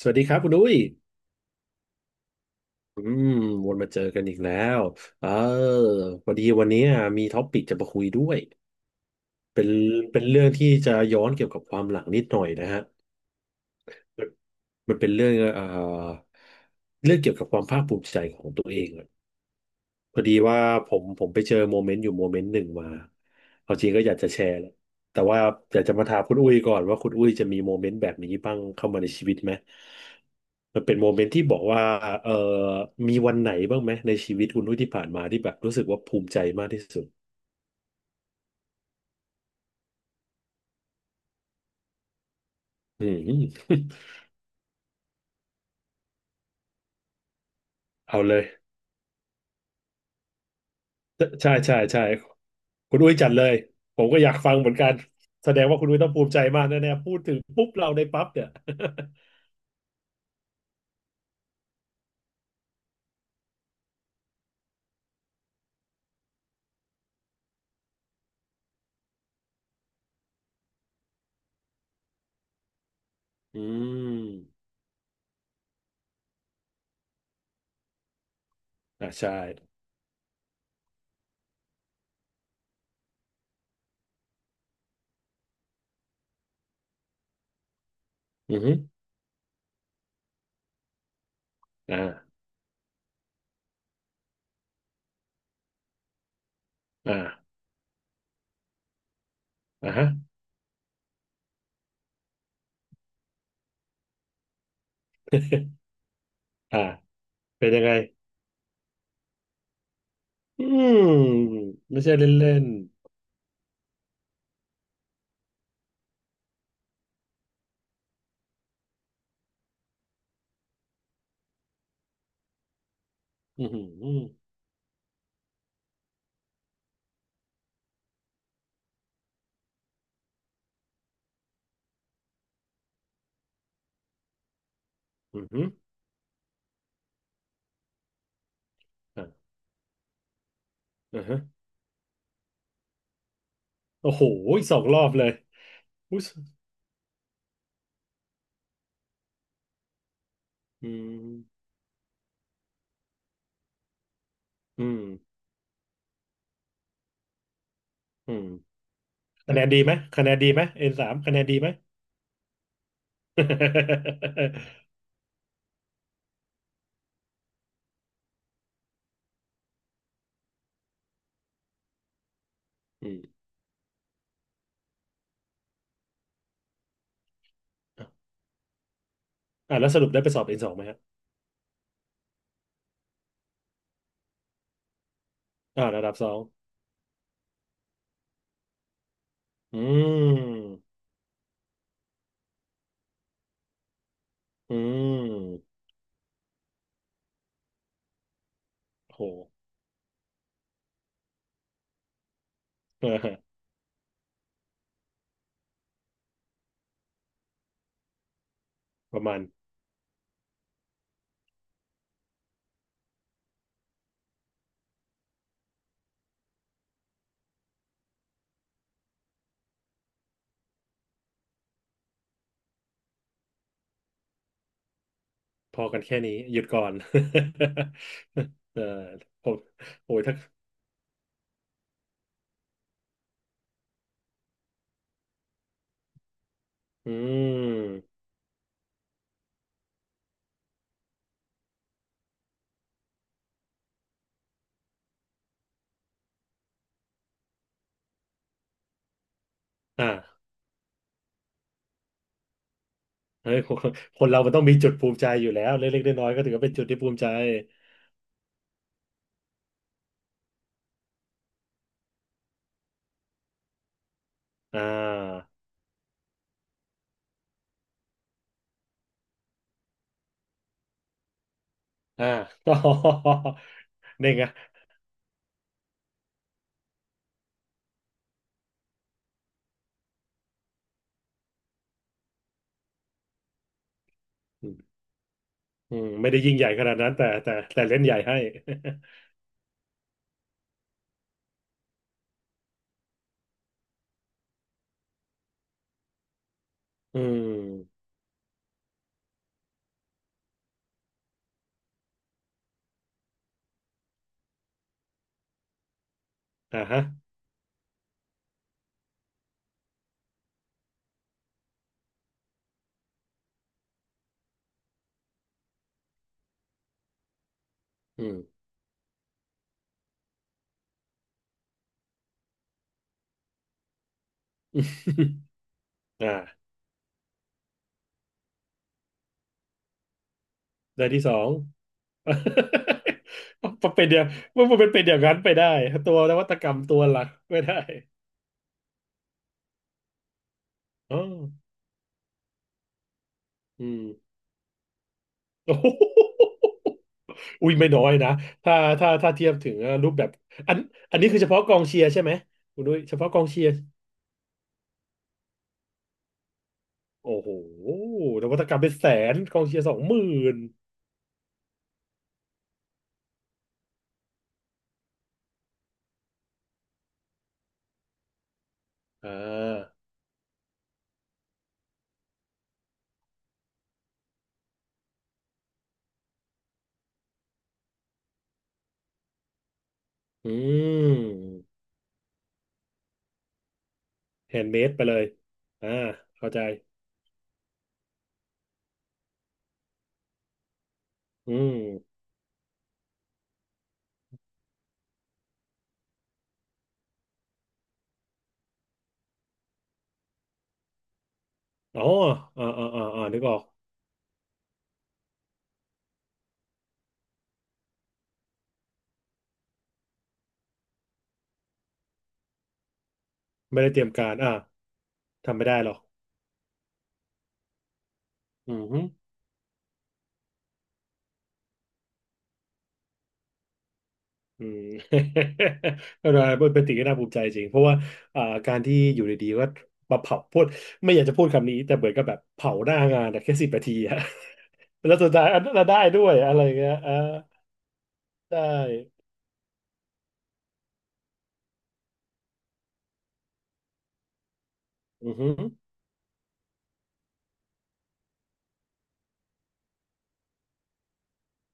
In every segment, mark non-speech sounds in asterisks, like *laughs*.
สวัสดีครับคุณดุ้ยอืมวนมาเจอกันอีกแล้วเออพอดีวันนี้มีท็อปปิกจะมาคุยด้วยเป็นเป็นเรื่องที่จะย้อนเกี่ยวกับความหลังนิดหน่อยนะฮะมันเป็นเรื่องเรื่องเกี่ยวกับความภาคภูมิใจของตัวเอง พอดีว่าผมไปเจอโมเมนต์อยู่โมเมนต์หนึ่งมาเอาจริงก็อยากจะแชร์แหละแต่ว่าอยากจะมาถามคุณอุ้ยก่อนว่าคุณอุ้ยจะมีโมเมนต์แบบนี้บ้างเข้ามาในชีวิตไหมมันเป็นโมเมนต์ที่บอกว่าเออมีวันไหนบ้างไหมในชีวิตคุณอุ้ยที่ผ่านมาที่แบบรู้สึกว่าภูมิใจมากที่สุดอืม *laughs* เอาเลยใช่ใช่ใช่คุณอุ้ยจัดเลยผมก็อยากฟังเหมือนกันแสดงว่าคุณอุ้ยต้องภูมิใจมากแน่ๆพูดถึงปุ๊บเราในปั๊บเนี่ย *laughs* อืมอ่าใช่อือฮึอ่า อ่าอ่าฮะอ่าเป็นยังไง อืมไม่ใช่เล่นเล่นอือหืออือหืออ่าอ่าฮะโอ้โห2 รอบเลยอุ๊ยอืมอืมอืมคะแนนดีไหมคะแนนดีไหม N3คะแนนดีไหม *laughs* อืมอ่าแล้วสรุปได้ไปสอบN2ไหมฮะอ่าระดับสองอืมอืมโหเออประมาณพอกันแค่นี้หยุดก่อน *laughs* เออผมโอ้ยถ้า อืมอ่าเฮ้ย *laughs* คนเรามันต้องมีจุดภูมิใจอยู่แล้วเล็กๆน้อยๆก็ถือว่าเป็นจุดที่ภูมิใจอ่าอ่า *laughs* ก็นี่ไงอืมอืมไม่ได้ยิ่งใหญ่ขนาดนั้นแต่เล่นใหญ่ให้ *laughs* อืมอ่าฮะอืมอ่าเด้นที่สอง *laughs* มันเป็นเดียวมันเป็นเดียวกันไปได้ตัวนวัตกรรมตัวหลักไม่ได้อ๋ออืม *laughs* โอ้โห อุ้ยไม่น้อยนะถ้าถ้าเทียบถึงรูปแบบอันอันนี้คือเฉพาะกองเชียร์ใช่ไหมคุณด้วยเฉพาะกองเชียร์โอ้โหนวัตกรรมเป็นแสนกองเชียร์20,000อ่าอืมแฮนด์เมดไปเลยอ่าเข้าใจอืมอ๋ออ่านึกออกไม่ได้เตรียมการอ่าทำไม่ได้หรอกอืม อืม *laughs* ก็เป็นสิ่งที่น่าภูมิใจจริง เพราะว่าอ่าการที่อยู่ดีๆก็มาเผาพูดไม่อยากจะพูดคำนี้ แต่เหมือนกับแบบเผาหน้างานอะแค่10 นาทีอะ *laughs* แล้วสุดท้ายอันนั้นเราได้ด้วยอะไรเงี้ยอ่าได้อือหือ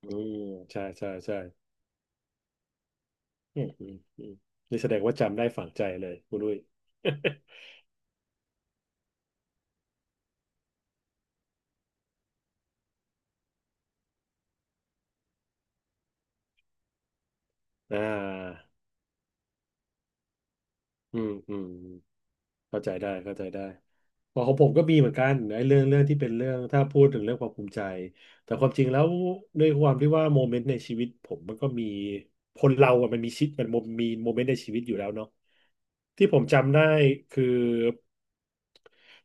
อืมใช่ใช่ใช่อืมอืมอืมนี่แสดงว่าจำได้ฝังใจเลยคุณลุย *laughs* อ่าอืมอืม เข้าใจได้เข้าใจได้เพอของผมก็มีเหมือนกันไอ้เรื่องที่เป็นเรื่องถ้าพูดถึงเรื่องความภูมิใจแต่ความจริงแล้วด้วยความที่ว่าโมเมนต์ในชีวิตผมมันก็มีคนเราอะมันมีชิดมันมีโมเมนต์ในชีวิตอยู่แล้วเนาะที่ผมจำได้คือ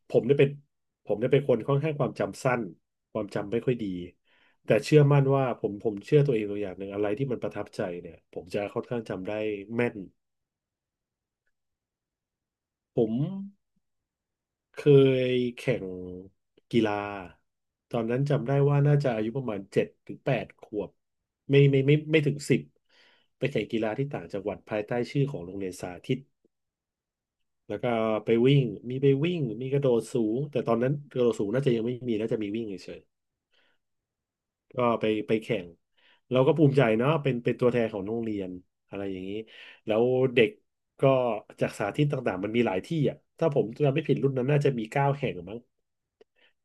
ผมเนี่ยเป็นผมเนี่ยเป็นคนค่อนข้างความจำสั้นความจำไม่ค่อยดีแต่เชื่อมั่นว่าผมเชื่อตัวเองตัวอย่างหนึ่งอะไรที่มันประทับใจเนี่ยผมจะค่อนข้างจำได้แม่นผม เคยแข่งกีฬาตอนนั้นจำได้ว่าน่าจะอายุประมาณ7 ถึง 8 ขวบไม่ถึงสิบไปแข่งกีฬาที่ต่างจังหวัดภายใต้ชื่อของโรงเรียนสาธิตแล้วก็ไปวิ่งมีไปวิ่งมีกระโดดสูงแต่ตอนนั้นกระโดดสูงน่าจะยังไม่มีน่าจะมีวิ่งเฉยๆก็ไปแข่งเราก็ภูมิใจเนาะเป็นตัวแทนของโรงเรียนอะไรอย่างนี้แล้วเด็กก็จากสาธิตต่างๆมันมีหลายที่อ่ะถ้าผมจำไม่ผิดรุ่นนั้นน่าจะมี9 แห่งมั้ง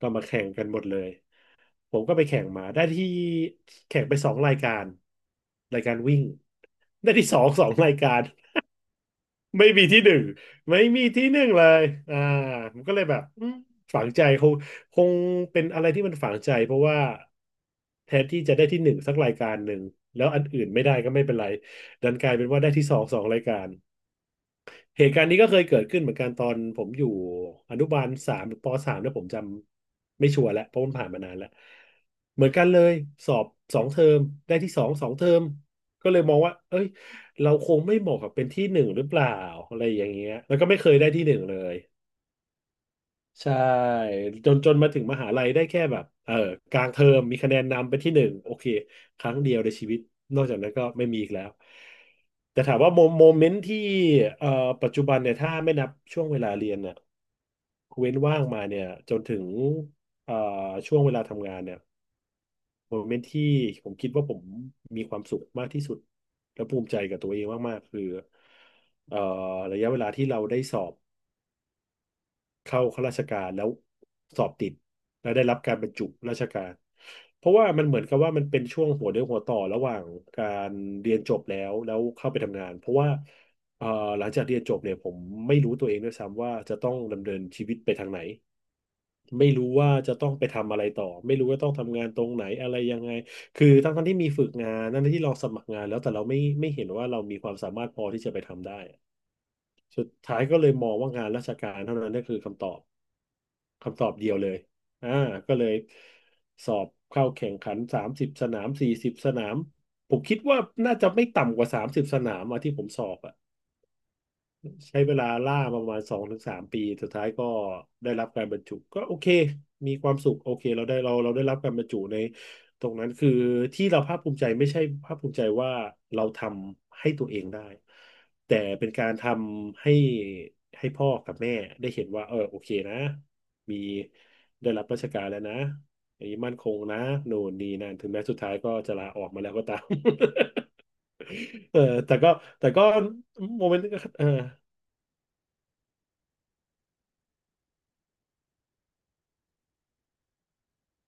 ก็มาแข่งกันหมดเลย ผมก็ไปแข่งมาได้ที่แข่งไปสองรายการรายการวิ่งได้ที่สองสองรายการไม่มีที่หนึ่งไม่มีที่หนึ่งเลยอ่าผมก็เลยแบบอืมฝังใจคงเป็นอะไรที่มันฝังใจเพราะว่าแทนที่จะได้ที่หนึ่งสักรายการหนึ่งแล้วอันอื่นไม่ได้ก็ไม่เป็นไรดันกลายเป็นว่าได้ที่สองสองรายการ เหตุการณ์นี้ก็เคยเกิดขึ้นเหมือนกันตอนผมอยู่อนุบาลสามหรือปสามแล้วผมจำไม่ชัวร์แล้วเพราะมันผ่านมานานแล้วเหมือนกันเลยสอบสองเทอมได้ที่สองสองเทอมก็เลยมองว่าเอ้ยเราคงไม่เหมาะกับเป็นที่หนึ่งหรือเปล่าอะไรอย่างเงี้ยแล้วก็ไม่เคยได้ที่หนึ่งเลย ใช่จนมาถึงมหาลัยได้แค่แบบกลางเทอมมีคะแนนนำเป็นที่หนึ่งโอเคครั้งเดียวในชีวิตนอกจากนั้นก็ไม่มีอีกแล้วแต่ถามว่าโมโมเมนต์ที่เอ่อปัจจุบันเนี่ยถ้าไม่นับช่วงเวลาเรียนเนี่ยเว้นว่างมาเนี่ยจนถึงเอ่อช่วงเวลาทำงานเนี่ยโมเมนต์ที่ผมคิดว่าผมมีความสุขมากที่สุดและภูมิใจกับตัวเองมากๆคือเอ่อระยะเวลาที่เราได้สอบ เข้าข้าราชการแล้วสอบติดแล้วได้รับการบรรจุราชการเพราะว่ามันเหมือนกับว่ามันเป็นช่วงหัวเรี่ยวหัวต่อระหว่างการเรียนจบแล้วเข้าไปทำงานเพราะว่าเอ่อหลังจากเรียนจบเนี่ยผมไม่รู้ตัวเองด้วยซ้ำว่าจะต้องดำเนินชีวิตไปทางไหนไม่รู้ว่าจะต้องไปทำอะไรต่อไม่รู้ว่าต้องทำงานตรงไหนอะไรยังไงคือทั้งที่มีฝึกงานทั้งที่เราสมัครงานแล้วแต่เราไม่เห็นว่าเรามีความสามารถพอที่จะไปทำได้สุดท้ายก็เลยมองว่างานราชการเท่านั้นนั่นคือคำตอบ คำตอบเดียวเลย อ่าก็เลยสอบเข้าแข่งขันสามสิบสนาม40สนาม ผมคิดว่าน่าจะไม่ต่ำกว่าสามสิบสนามอะที่ผมสอบอะ ใช้เวลาล่ามาประมาณ2 ถึง 3 ปีสุดท้ายก็ได้รับการบรรจุก็โอเคมีความสุขโอเคเราได้เราได้รับการบรรจุในตรงนั้นคือที่เราภาคภูมิใจไม่ใช่ภาคภูมิใจว่าเราทำให้ตัวเองได้แต่เป็นการทำให้ให้พ่อกับแม่ได้เห็นว่าเออโอเคนะมีได้รับราชการแล้วนะอันนี้มั่นคงนะโน่นนี่นั่นถึงแม้สุดท้ายก็จะลาออกมาแล้วก็ตาม *laughs* เออแต่ก็แต่ก็โมเมนต์เออ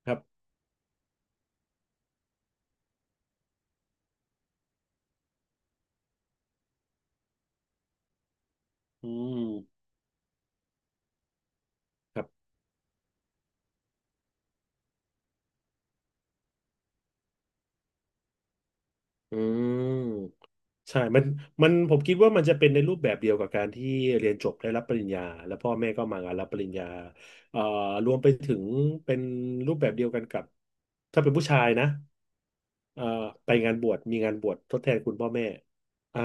ครับอืมครับอืม ใช่มันผมคิดว่ามันจะเป็นในรูปแบบเดียวกับการที่เรียนจบได้รับปริญญาแล้วพ่อแม่ก็มางานรับปริญญาเอ่อรวมไปถึงเป็นรูปแบบเดียวกันกับถ้าเป็นผู้ชายนะเอ่อไปงานบวชมีงานบวชทดแทนคุณพ่อแม่อ่า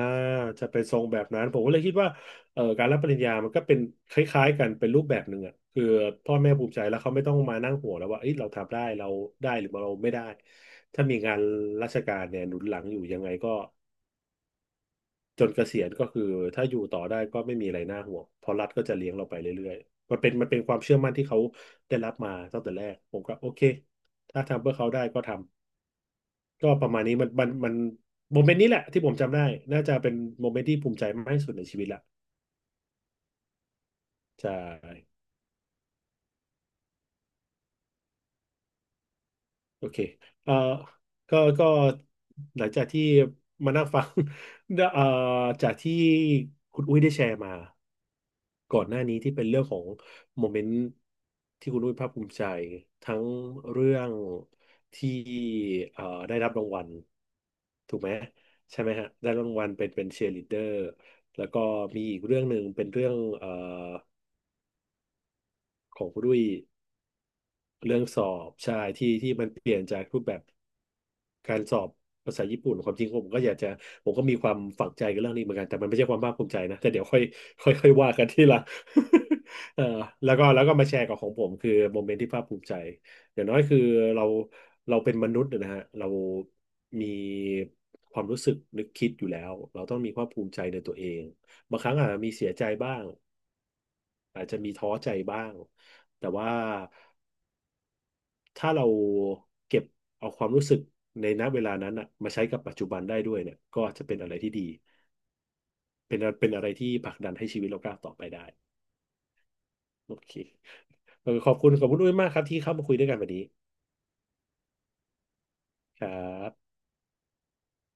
จะเป็นทรงแบบนั้นผมก็เลยคิดว่าการรับปริญญามันก็เป็นคล้ายๆกันเป็นรูปแบบหนึ่งอ่ะคือพ่อแม่ภูมิใจแล้วเขาไม่ต้องมานั่งห่วงแล้วว่าเอ้ยเราทำได้เราได้หรือเราไม่ได้ถ้ามีงานราชการเนี่ยหนุนหลังอยู่ยังไงก็ จนเกษียณก็คือถ้าอยู่ต่อได้ก็ไม่มีอะไรน่าห่วงเพราะรัฐก็จะเลี้ยงเราไปเรื่อยๆมันเป็นความเชื่อมั่นที่เขาได้รับมาตั้งแต่แรกผมก็โอเคถ้าทำเพื่อเขาได้ก็ทำก็ประมาณนี้มันโมเมนต์นี้แหละที่ผมจำได้น่าจะเป็นโมเมนต์ที่ภูมิใจมากที่สุดในชีวิตละใช่ โอเคเอ่อก็หลังจากที่มานั่งฟัง *laughs* เอ่อจากที่คุณอุ้ยได้แชร์มาก่อนหน้านี้ที่เป็นเรื่องของโมเมนต์ที่คุณอุ้ยภาคภูมิใจทั้งเรื่องที่เอ่อได้รับรางวัลถูกไหมใช่ไหมฮะได้รางวัลเป็นเชียร์ลีดเดอร์แล้วก็มีอีกเรื่องหนึ่งเป็นเรื่องของคุณอุ้ยเรื่องสอบใช่ที่มันเปลี่ยนจากรูปแบบ การสอบภาษาญี่ปุ่นความจริงผมก็อยากจะผมก็มีความฝังใจกับเรื่องนี้เหมือนกันแต่มันไม่ใช่ความภาคภูมิใจนะแต่เดี๋ยวค่อย *laughs* ค่อยค่อยว่ากันทีหละ *laughs* เออแล้วก็มาแชร์กับของผมคือโมเมนต์ที่ภาคภูมิใจอย่างน้อยคือเราเป็นมนุษย์นะฮะเรามีความรู้สึกนึกคิดอยู่แล้วเราต้องมีความภูมิใจในตัวเองบางครั้งอาจจะมีเสียใจบ้างอาจจะมีท้อใจบ้างแต่ว่า ถ้าเราเก็บเอาความรู้สึกในณเวลานั้นอะมาใช้กับปัจจุบันได้ด้วยเนี่ยก็จะเป็นอะไรที่ดีเป็นอะไรที่ผลักดันให้ชีวิตเราก้าวต่อไปได้โอเคเออขอบคุณด้วยมากครับที่เข้ามาคุยด้วยกันวันนี้ครับ